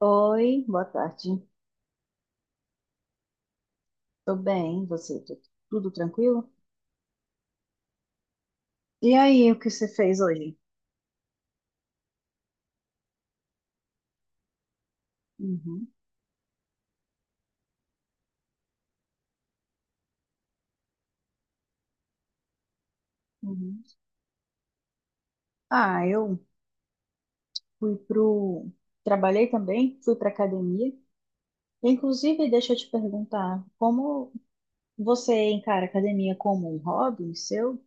Oi, boa tarde. Tô bem, e você? Tudo tranquilo? E aí, o que você fez hoje? Uhum, uhum. Eu fui pro... Trabalhei também, fui pra academia. Inclusive, deixa eu te perguntar, como você encara a academia como um hobby seu?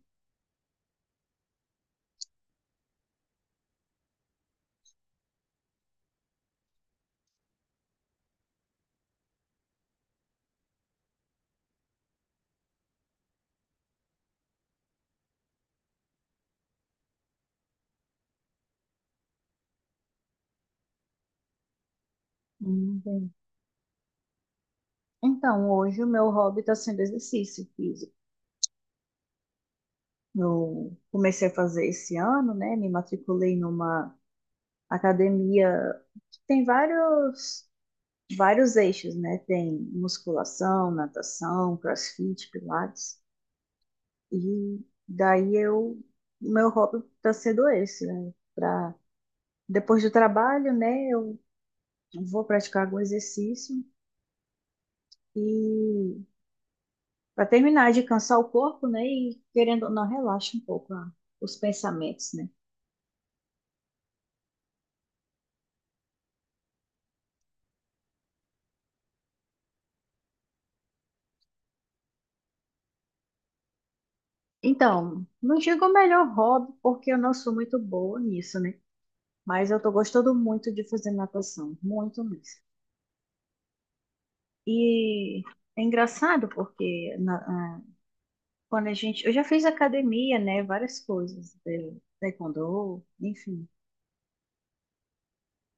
Bem. Então, hoje o meu hobby está sendo exercício físico. Eu comecei a fazer esse ano, né? Me matriculei numa academia que tem vários eixos, né? Tem musculação, natação, crossfit, pilates. E daí meu hobby está sendo esse, né? Pra, depois do trabalho, né? Eu vou praticar algum exercício e para terminar de cansar o corpo, né? E querendo ou não, relaxa um pouco os pensamentos, né? Então, não digo o melhor hobby, porque eu não sou muito boa nisso, né? Mas eu tô gostando muito de fazer natação, muito mesmo. E é engraçado porque quando a gente. Eu já fiz academia, né? Várias coisas, taekwondo, enfim.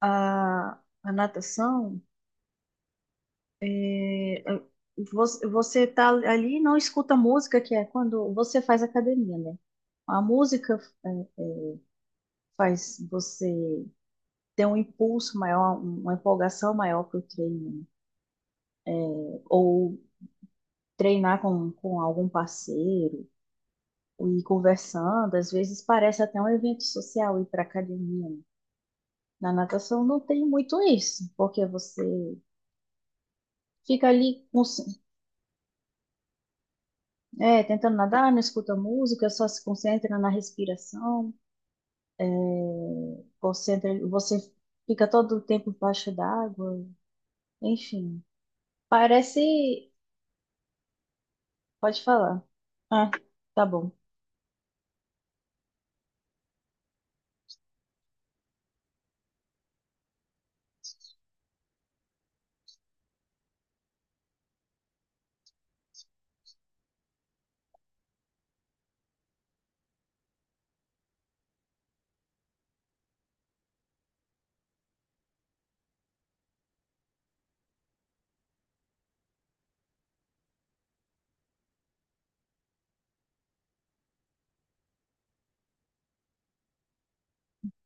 A natação, eh, você tá ali e não escuta música, que é quando você faz academia, né? A música faz você ter um impulso maior, uma empolgação maior para o treino, né? Ou treinar com algum parceiro. E conversando, às vezes parece até um evento social ir para a academia, né? Na natação não tem muito isso, porque você fica ali cons- é, tentando nadar, não escuta música, só se concentra na respiração, concentra, você fica todo o tempo embaixo d'água, enfim. Parece, pode falar. Ah, tá bom,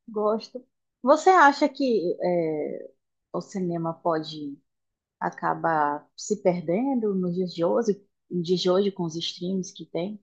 gosto. Você acha que é, o cinema pode acaba se perdendo nos dias de hoje, nos dias de hoje com os streams que tem,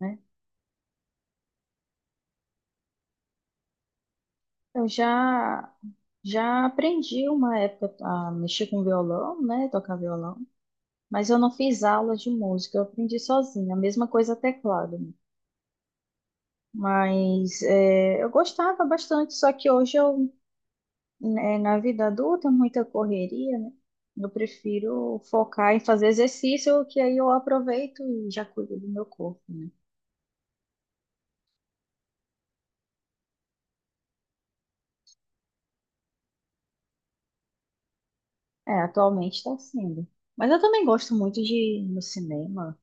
né? Eu já aprendi uma época a mexer com violão, né? Tocar violão, mas eu não fiz aulas de música, eu aprendi sozinha, a mesma coisa teclado, né? Mas é, eu gostava bastante, só que hoje eu, né, na vida adulta, muita correria, né? Eu prefiro focar em fazer exercício, que aí eu aproveito e já cuido do meu corpo, né? É, atualmente está sendo. Mas eu também gosto muito de ir no cinema.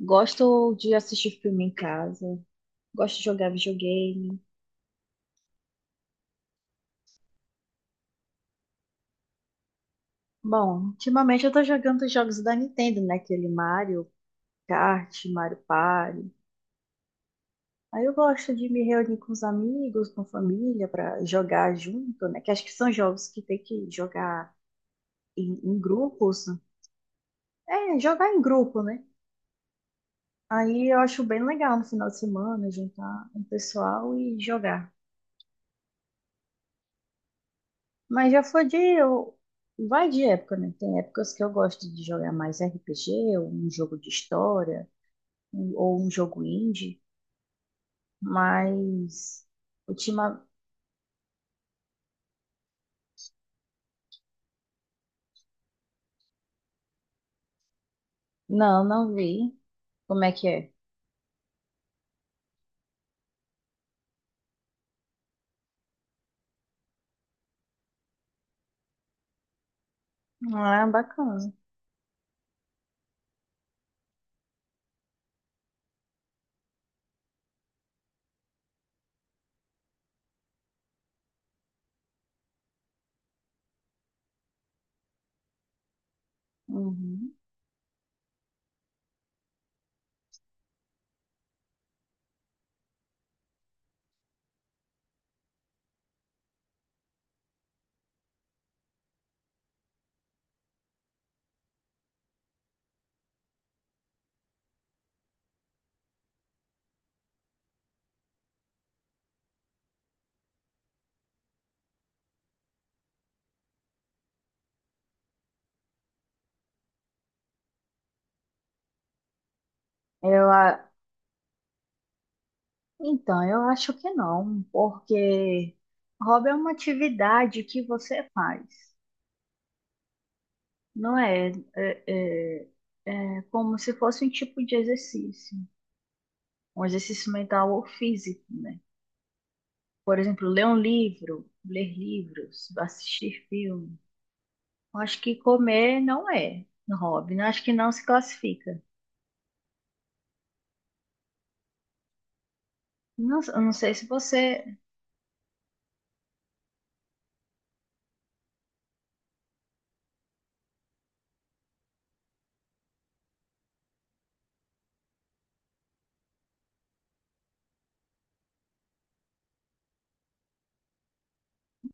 Gosto de assistir filme em casa. Gosto de jogar videogame. Bom, ultimamente eu tô jogando os jogos da Nintendo, né? Aquele Mario Kart, Mario Party. Aí eu gosto de me reunir com os amigos, com a família, para jogar junto, né? Que acho que são jogos que tem que jogar em grupos. É, jogar em grupo, né? Aí eu acho bem legal no final de semana juntar um pessoal e jogar. Mas já foi de. Eu... Vai de época, né? Tem épocas que eu gosto de jogar mais RPG, ou um jogo de história, ou um jogo indie, mas. Ultima... Não, não vi. Como é que é? Ah, é bacana. Uhum. Eu, a- então, eu acho que não, porque hobby é uma atividade que você faz, não é? É como se fosse um tipo de exercício, um exercício mental ou físico, né? Por exemplo, ler um livro, ler livros, assistir filme. Eu acho que comer não é um hobby, né? Acho que não se classifica. Não, eu não sei se você,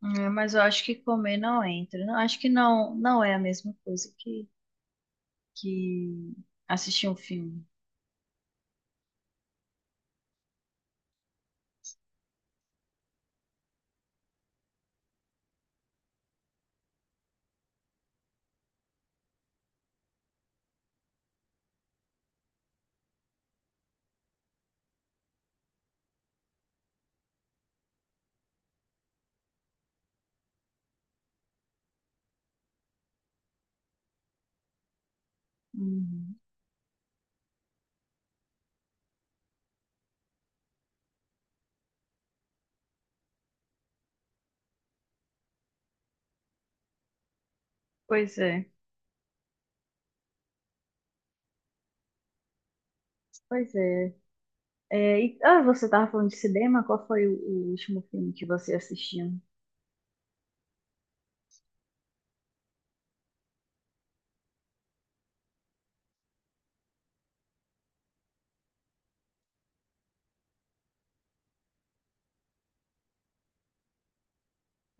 mas eu acho que comer não entra. Não, acho que não, não é a mesma coisa que assistir um filme. Uhum. Pois é, pois é. Você estava falando de cinema, qual foi o último filme que você assistiu?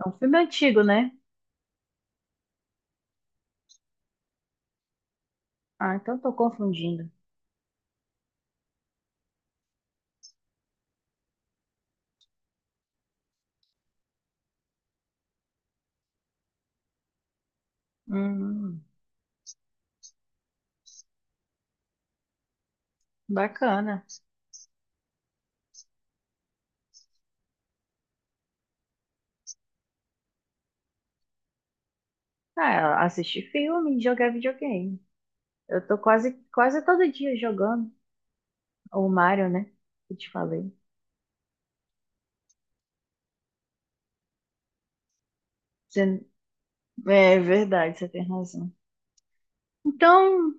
É um filme antigo, né? Ah, então estou confundindo. Hum, bacana. Ah, assistir filme e jogar videogame. Eu tô quase todo dia jogando o Mario, né? Que eu te falei. Você- É verdade, você tem razão. Então,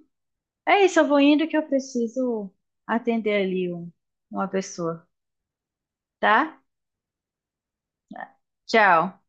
é isso, eu vou indo que eu preciso atender ali uma pessoa, tá? Tchau.